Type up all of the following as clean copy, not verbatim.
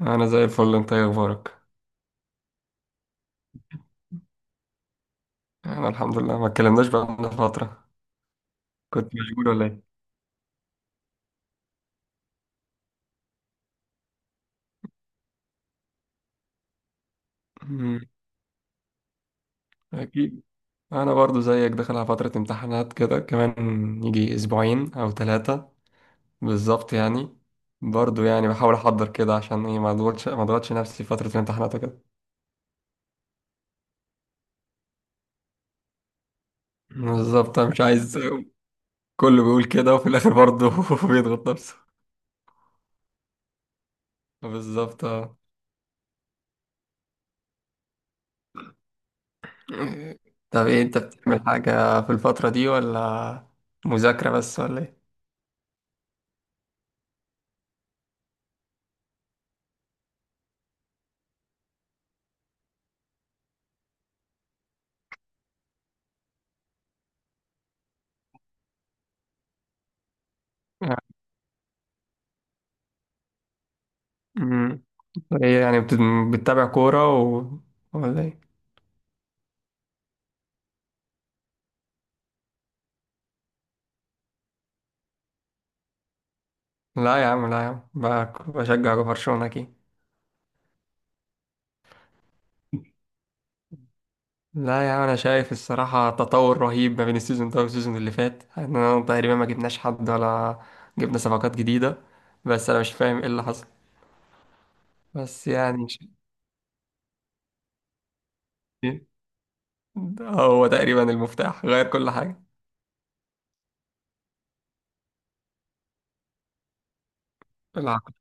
انا زي الفل. انت ايه اخبارك؟ انا الحمد لله، ما اتكلمناش بقالنا فتره. كنت مشغول ولا ايه؟ أمم، اكيد. انا برضو زيك، داخل على فتره امتحانات كده كمان، يجي اسبوعين او ثلاثه. بالظبط يعني. برضو يعني بحاول احضر كده عشان ايه ما اضغطش نفسي في فتره الامتحانات وكده. بالظبط انا مش عايز. كله بيقول كده وفي الاخر برضو بيضغط نفسه. بالظبط آه. طب ايه انت بتعمل حاجه في الفتره دي ولا؟ مذاكره بس ولا ايه؟ ايه يعني بتتابع كورة ولا ايه؟ لا يا عم، لا يا عم، بشجع برشلونة اكيد. لا يا عم، انا شايف الصراحة تطور رهيب ما بين السيزون ده والسيزون اللي فات، احنا تقريبا ما جبناش حد ولا جبنا صفقات جديدة، بس انا مش فاهم ايه اللي حصل. بس يعني إن شاء الله. ده هو تقريبا المفتاح، غير كل حاجة. العقد.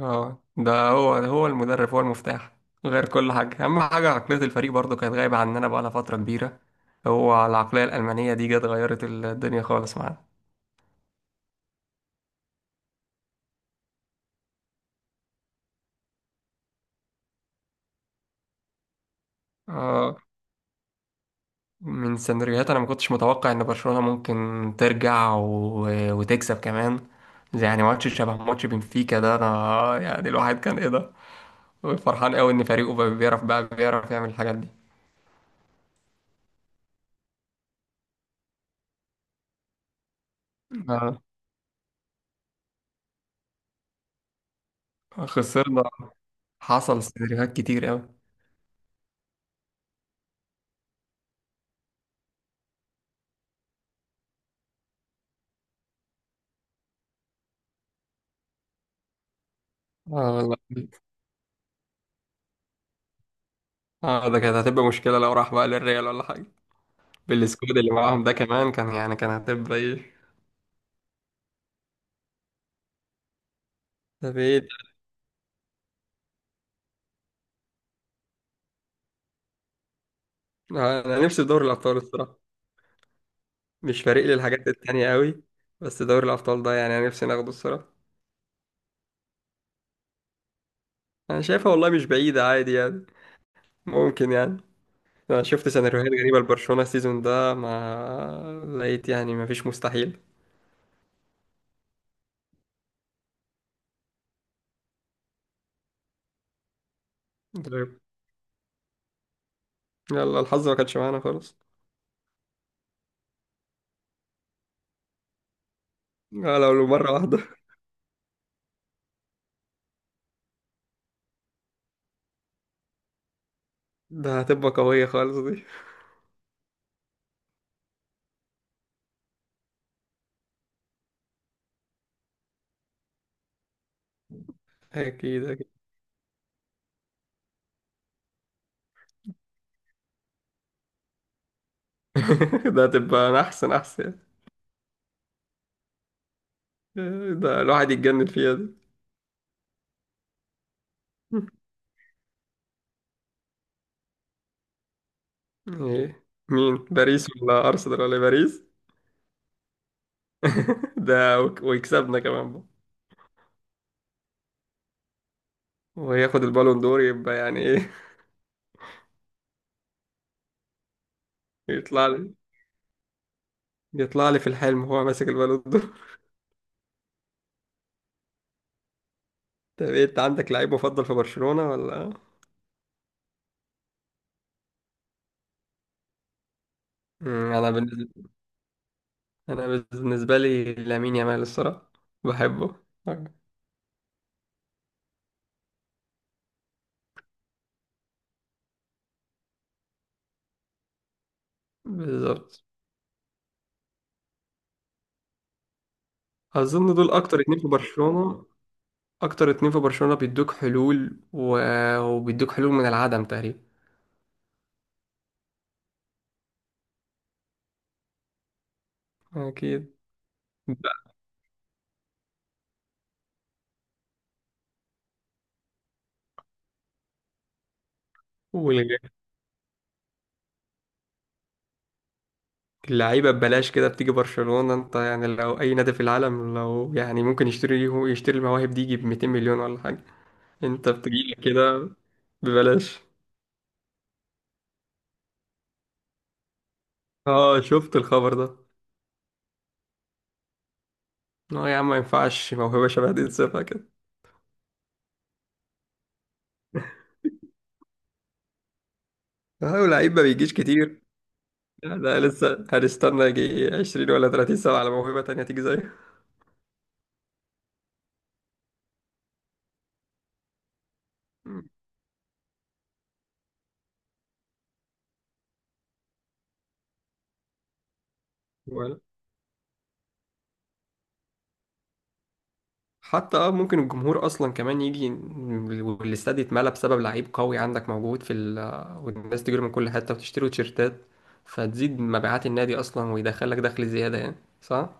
اه، ده هو المدرب، هو المفتاح، غير كل حاجة. أهم حاجة عقلية الفريق برضو كانت غايبة عننا بقالها فترة كبيرة. هو العقلية الألمانية دي جت غيرت الدنيا خالص معانا. اه، من سيناريوهات أنا ما كنتش متوقع إن برشلونة ممكن ترجع وتكسب كمان. زي يعني ماتش شبه ماتش بنفيكا ده، أنا يعني الواحد كان إيه ده، فرحان قوي إن فريقه بقى بيعرف يعمل الحاجات دي. اه، خسرنا. حصل سيناريوهات كتير قوي. اه والله. اه، ده كانت هتبقى مشكلة لو راح بقى للريال ولا حاجة. بالسكواد اللي معاهم ده كمان كان يعني كان هتبقى ايه. طب ايه. انا نفسي في دوري الابطال الصراحة. مش فارق لي الحاجات التانية قوي. بس دوري الابطال ده يعني انا نفسي ناخده الصراحة. انا شايفها والله مش بعيدة، عادي يعني، ممكن يعني. انا شفت سيناريوهات غريبة لبرشلونة السيزون ده، ما لقيت يعني، ما فيش مستحيل. طيب. يلا الحظ ما كانش معانا خالص. لو مرة واحدة. ده هتبقى قوية خالص دي. اكيد اكيد. ده هتبقى، أنا احسن احسن. ده الواحد يتجنن فيها دي. ايه؟ مين؟ باريس ولا ارسنال ولا باريس؟ ده ويكسبنا كمان بقى. وياخد البالون دور، يبقى يعني ايه. يطلع لي يطلع لي في الحلم هو ماسك البالون دور. طب إيه، انت عندك لعيب مفضل في برشلونة ولا؟ مم، انا بالنسبة انا بالنسبة لي لامين يامال الصراحة، بحبه. بالظبط. اظن دول اكتر اتنين في برشلونة بيدوك حلول وبيدوك حلول من العدم تقريبا. اكيد. واللعيبه ببلاش كده بتيجي برشلونه، انت يعني لو اي نادي في العالم، لو يعني ممكن يشتري المواهب دي يجيب 200 مليون ولا حاجه. انت بتجيلك كده، ببلاش. اه شفت الخبر ده. اه يا عم ما ينفعش موهبه شبه دي تسيبها كده. اه، لعيب ما بيجيش كتير. لا، ده لسه هنستنى يجي 20 ولا 30 سنه على موهبه تانيه تيجي زيه. حتى ممكن الجمهور اصلا كمان يجي والاستاد يتملى بسبب لعيب قوي عندك موجود في ال والناس تجري من كل حته وتشتري تيشيرتات. فتزيد مبيعات النادي اصلا ويدخلك دخل زياده يعني. صح.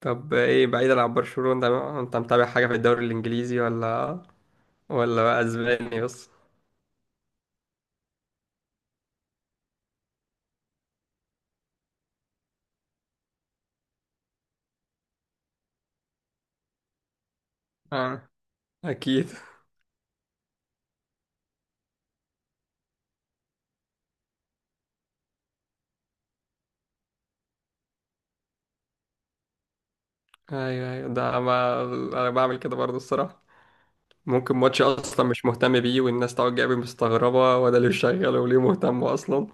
طب ايه بعيدا عن برشلونه ده، انت متابع حاجه في الدوري الانجليزي ولا ولا بقى اسباني بس؟ اه، اكيد. ايوه ايوه، ده ما انا بعمل كده برضه الصراحه. ممكن ماتش اصلا مش مهتم بيه والناس تقعد جايبه مستغربه وده ليه شغال وليه مهتم اصلا.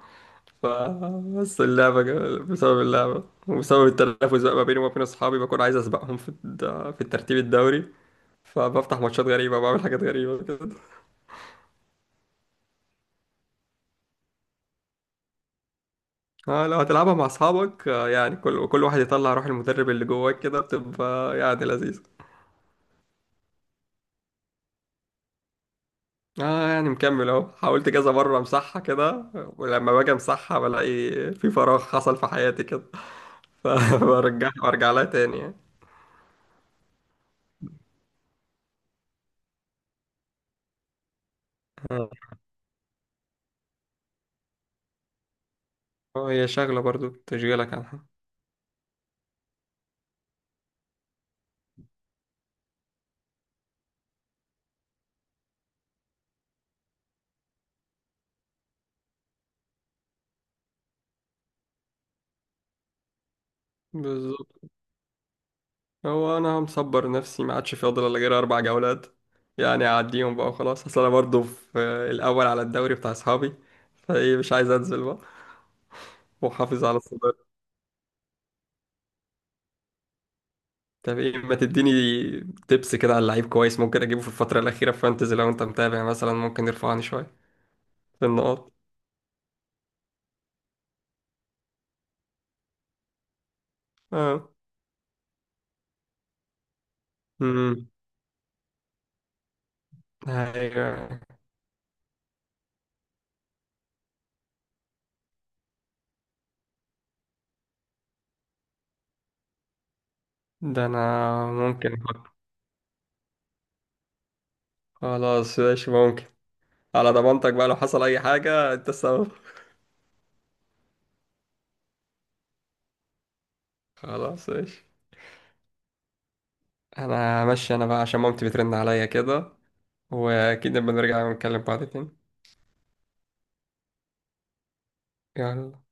بس اللعبة بسبب اللعبة وبسبب التنافس بقى ما بيني وما بين أصحابي، بكون عايز أسبقهم في في الترتيب الدوري، فبفتح ماتشات غريبة وبعمل حاجات غريبة كده. اه، لو هتلعبها مع أصحابك، يعني كل واحد يطلع روح المدرب اللي جواك كده، بتبقى يعني لذيذة. اه يعني مكمل اهو، حاولت كذا مرة امسحها كده، ولما باجي امسحها بلاقي في فراغ حصل في حياتي كده. فبرجع لها تاني يعني. اه. هي شغلة برضو تشغيلك عنها. بالظبط. هو انا مصبر نفسي ما عادش فاضل الا غير اربع جولات، يعني اعديهم بقى وخلاص، اصل انا برضه في الاول على الدوري بتاع اصحابي، فايه مش عايز انزل بقى، واحافظ على الصدارة. طب ايه ما تديني تبس كده على لعيب كويس ممكن اجيبه في الفترة الأخيرة في فانتزي، لو انت متابع مثلا ممكن يرفعني شوية في النقاط. اه. امم، ايوه، ده انا ممكن أفكر. خلاص ماشي، ممكن. على ضمانتك بقى، لو حصل اي حاجة انت السبب. خلاص ماشي. انا ماشي، انا بقى عشان مامتي بترن عليا كده، واكيد لما نرجع نكلم بعض تاني. يلا